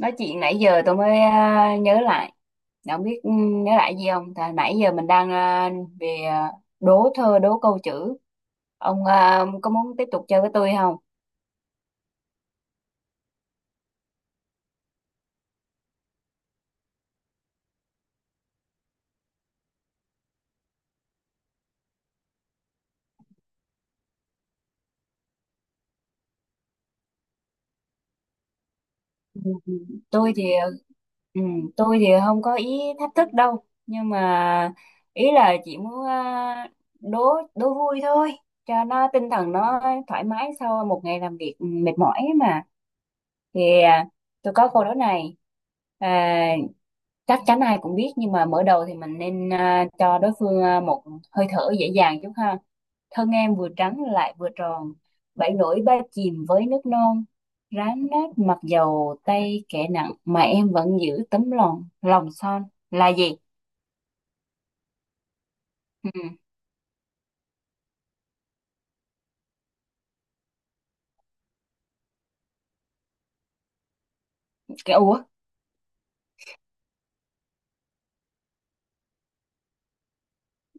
Nói chuyện nãy giờ tôi mới nhớ lại. Đã không biết, nhớ lại gì không? Tại nãy giờ mình đang về, đố thơ, đố câu chữ. Ông có muốn tiếp tục chơi với tôi không? Ừ, tôi thì ừ, tôi thì không có ý thách thức đâu, nhưng mà ý là chỉ muốn đố đố vui thôi, cho nó tinh thần, nó thoải mái sau một ngày làm việc mệt mỏi ấy mà. Thì tôi có câu đố này. à, Chắc chắn ai cũng biết, nhưng mà mở đầu thì mình nên cho đối phương một hơi thở dễ dàng chút ha. Thân em vừa trắng lại vừa tròn, bảy nổi ba chìm với nước non, rám nát mặc dầu tay kẻ nặng, mà em vẫn giữ tấm lòng lòng son. Là gì? Ừ. Cái, ủa.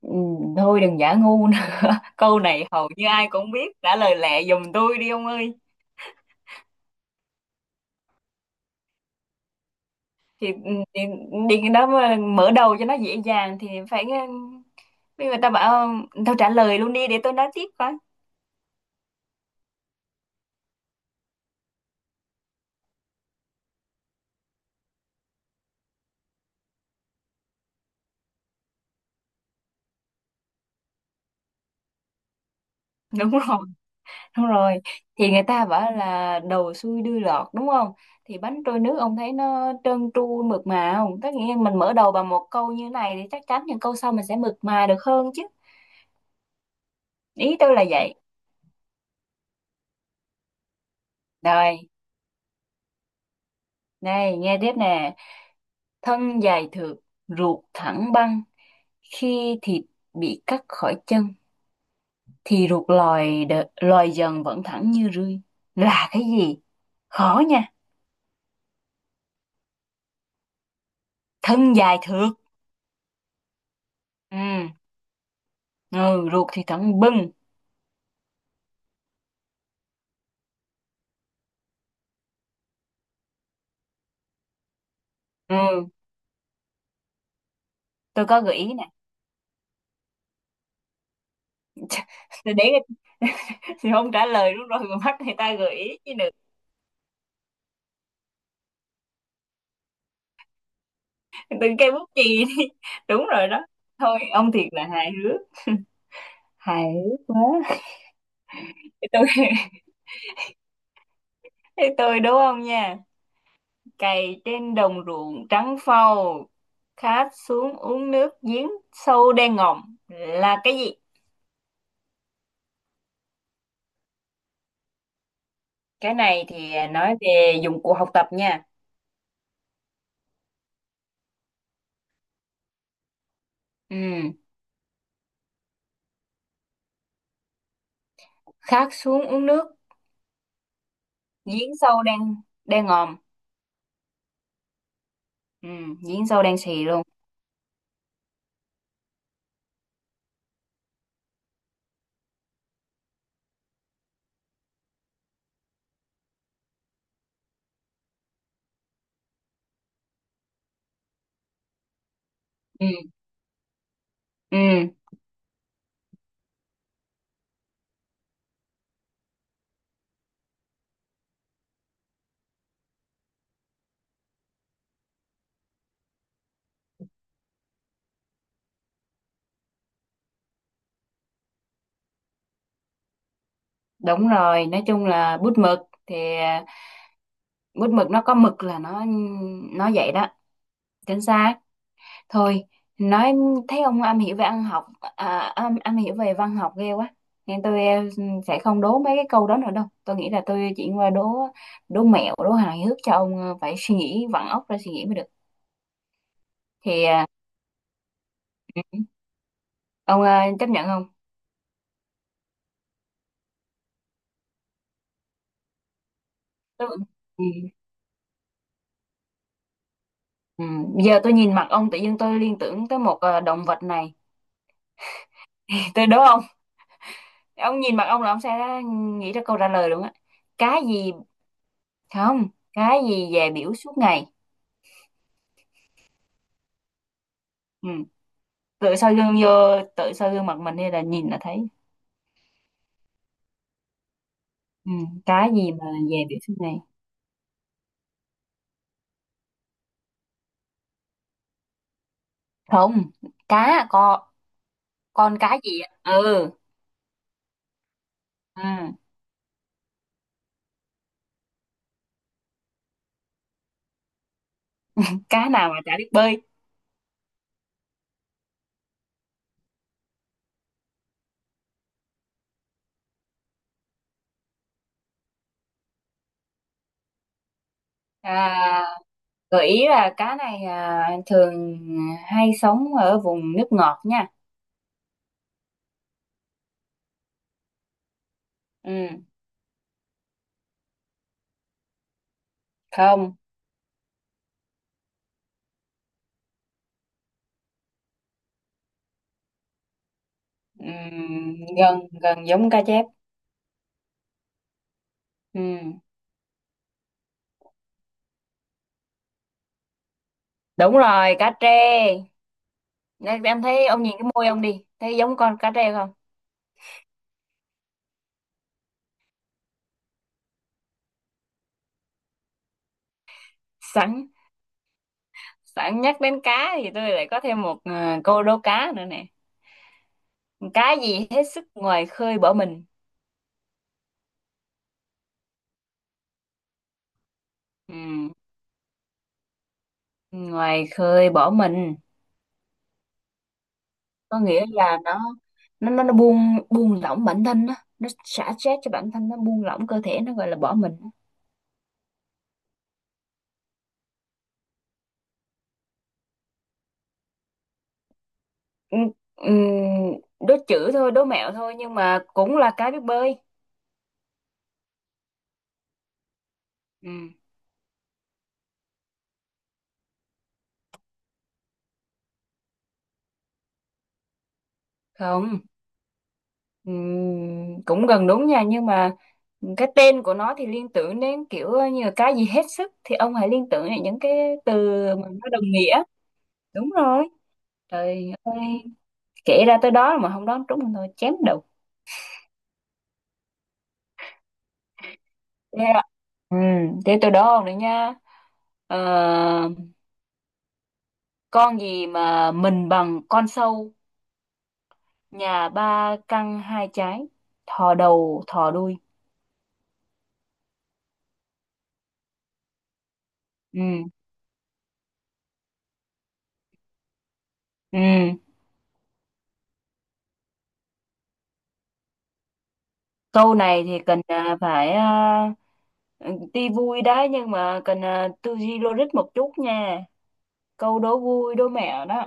Ừ, thôi đừng giả ngu nữa. Câu này hầu như ai cũng biết, trả lời lẹ giùm tôi đi ông ơi. Thì ừ, thì điền cái đó mà mở đầu cho nó dễ dàng thì phải, bây người ta bảo tao trả lời luôn đi để tôi nói tiếp coi. Đúng rồi, đúng rồi. Thì người ta bảo là đầu xuôi đuôi lọt đúng không? Thì bánh trôi nước ông thấy nó trơn tru mượt mà không? Tất nhiên mình mở đầu bằng một câu như này thì chắc chắn những câu sau mình sẽ mượt mà được hơn chứ. Ý tôi là vậy. Rồi, này nghe tiếp nè. Thân dài thượt, ruột thẳng băng, khi thịt bị cắt khỏi chân thì ruột lòi dần vẫn thẳng như rươi. Là cái gì? Khó nha. Thân dài thượt. Ừ. Ừ, ruột thì thẳng bưng. Ừ. Tôi có gợi ý nè. Tôi để, thì không trả lời đúng rồi mà mắt người ta gợi ý chứ được. Đừng, cây bút chì đi. Đúng rồi đó. Thôi ông thiệt là hài hước, hài hước quá. Thế tôi thế tôi đúng không nha. Cày trên đồng ruộng trắng phau, khát xuống uống nước giếng sâu đen ngòm. Là cái gì? Cái này thì nói về dụng cụ học tập nha. Ừ. Khát xuống uống nước, giếng sâu đang, đang ngòm. Ừ. Giếng sâu đang xì luôn. Ừ. Ừ, đúng rồi, nói chung là bút mực. Thì bút mực nó có mực là nó vậy đó. Chính xác. Thôi, nói, thấy ông am hiểu về ăn học, am hiểu về văn học ghê quá. Nên tôi, ừ, sẽ không đố mấy cái câu đó nữa đâu. Tôi nghĩ là tôi chuyển qua đố đố mẹo, đố hài hước, cho ông phải suy nghĩ vặn óc ra suy nghĩ mới được. Thì Ừ. Ông chấp nhận không? Tôi, ừ. Ừ. Giờ tôi nhìn mặt ông tự nhiên tôi liên tưởng tới một động vật này. Tôi đố ông nhìn mặt ông là ông sẽ nghĩ ra câu trả lời luôn á. Cái gì? Không? Cái gì về biểu suốt ngày? Ừ. Tự soi gương vô, tự soi gương mặt mình hay là nhìn là thấy. Ừ. Cái gì mà về biểu suốt ngày? Không, cá con. Con cá gì? Ạ? Ừ. Ừ. Cá nào mà chả biết bơi? À, gợi ý là cá này thường hay sống ở vùng nước ngọt nha. Ừ. Không. Ừ, gần gần giống cá chép. Ừ, đúng rồi, cá trê. Nên em thấy ông nhìn cái môi ông đi, thấy giống con cá trê không? Sẵn, sẵn nhắc đến cá thì tôi lại có thêm một câu đố cá nữa nè. Cá gì hết sức ngoài khơi bỏ mình? Ừ. Ngoài khơi bỏ mình có nghĩa là nó nó buông, buông lỏng bản thân á, nó xả stress cho bản thân, nó buông lỏng cơ thể, nó gọi là bỏ mình. Ừ, ừ, đố chữ thôi, đố mẹo thôi, nhưng mà cũng là cái biết bơi. Ừ. Không. Ừ, cũng gần đúng nha, nhưng mà cái tên của nó thì liên tưởng đến kiểu như là cái gì hết sức, thì ông hãy liên tưởng đến những cái từ mà nó đồng nghĩa. Đúng rồi. Trời ơi, kể ra tới đó mà không đoán trúng thì thôi chém đầu. Thế ạ. Ừ, thế tôi đố ông đấy nhá. Ờ, con gì mà mình bằng con sâu, nhà ba căng hai trái, thò đầu thò đuôi. Ừ, ừ. Câu này thì cần tuy vui đấy nhưng mà cần tư duy logic một chút nha. Câu đố vui đố mẹo đó.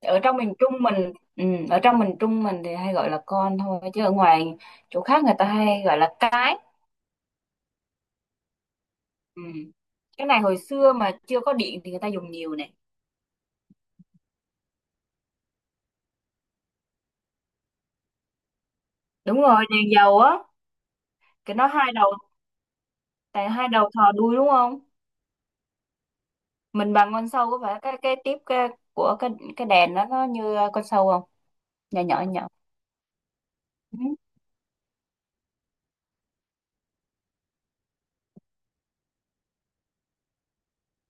Ở trong miền Trung mình, ở trong miền Trung mình thì hay gọi là con thôi, chứ ở ngoài chỗ khác người ta hay gọi là cái. Ừ. Cái này hồi xưa mà chưa có điện thì người ta dùng nhiều này. Đúng rồi, đèn dầu á, nó hai đầu, tại hai đầu thò đuôi đúng không? Mình bằng con sâu có phải cái tiếp cái, của cái đèn đó nó như con sâu không? Nhỏ nhỏ nhỏ. Ừ.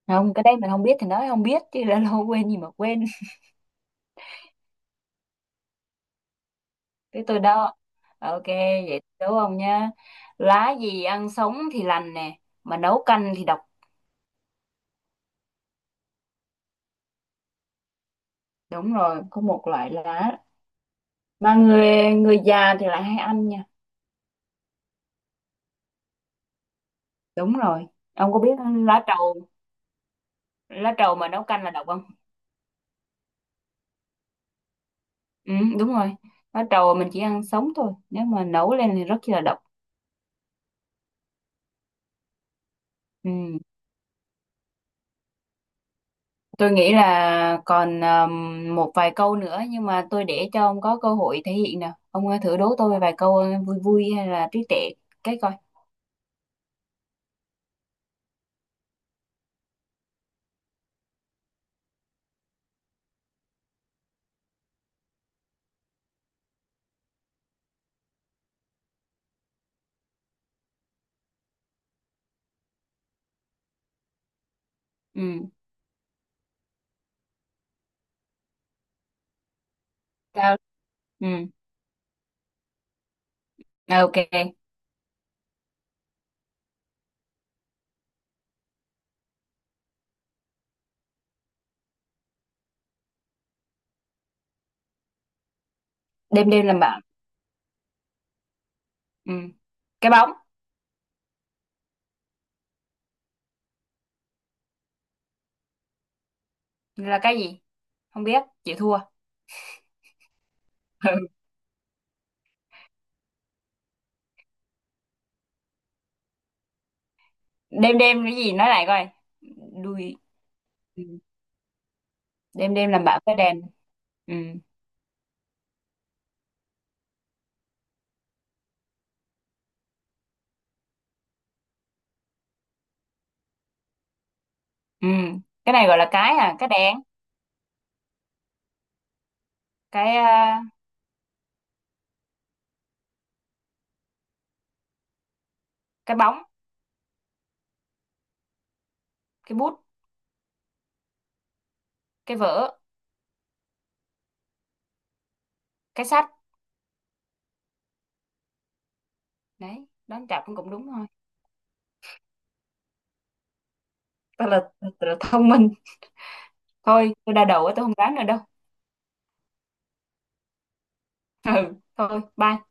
Không, cái đấy mình không biết thì nói không biết, chứ đã lâu quên gì mà quên. Cái tôi đó. Ok, vậy đúng không nha. Lá gì ăn sống thì lành nè, mà nấu canh thì độc. Đúng rồi, có một loại lá mà người người già thì lại hay ăn nha. Đúng rồi. Ông có biết lá trầu, lá trầu mà nấu canh là độc không? Ừ, đúng rồi, lá trầu mình chỉ ăn sống thôi, nếu mà nấu lên thì rất chi là độc. Ừ. Tôi nghĩ là còn một vài câu nữa, nhưng mà tôi để cho ông có cơ hội thể hiện. Nào ông thử đố tôi vài câu vui vui hay là trí tuệ cái coi. Ừ. Sao. Ừ. À, ok. Đêm đêm làm bạn. Ừ. Cái bóng. Là cái gì? Không biết, chịu thua. Ừ. Đêm đêm cái gì nói lại coi? Đuôi. Đêm đêm làm bão cái đèn. Ừ. Ừ, cái này gọi là cái cái đèn. Cái cái bóng. Cái bút. Cái vở. Cái sách. Đấy, đoán chặt cũng cũng đúng thôi. Ta là, ta là thông minh. Thôi tôi đau đầu quá, tôi không đoán nữa đâu. Ừ. Thôi bye.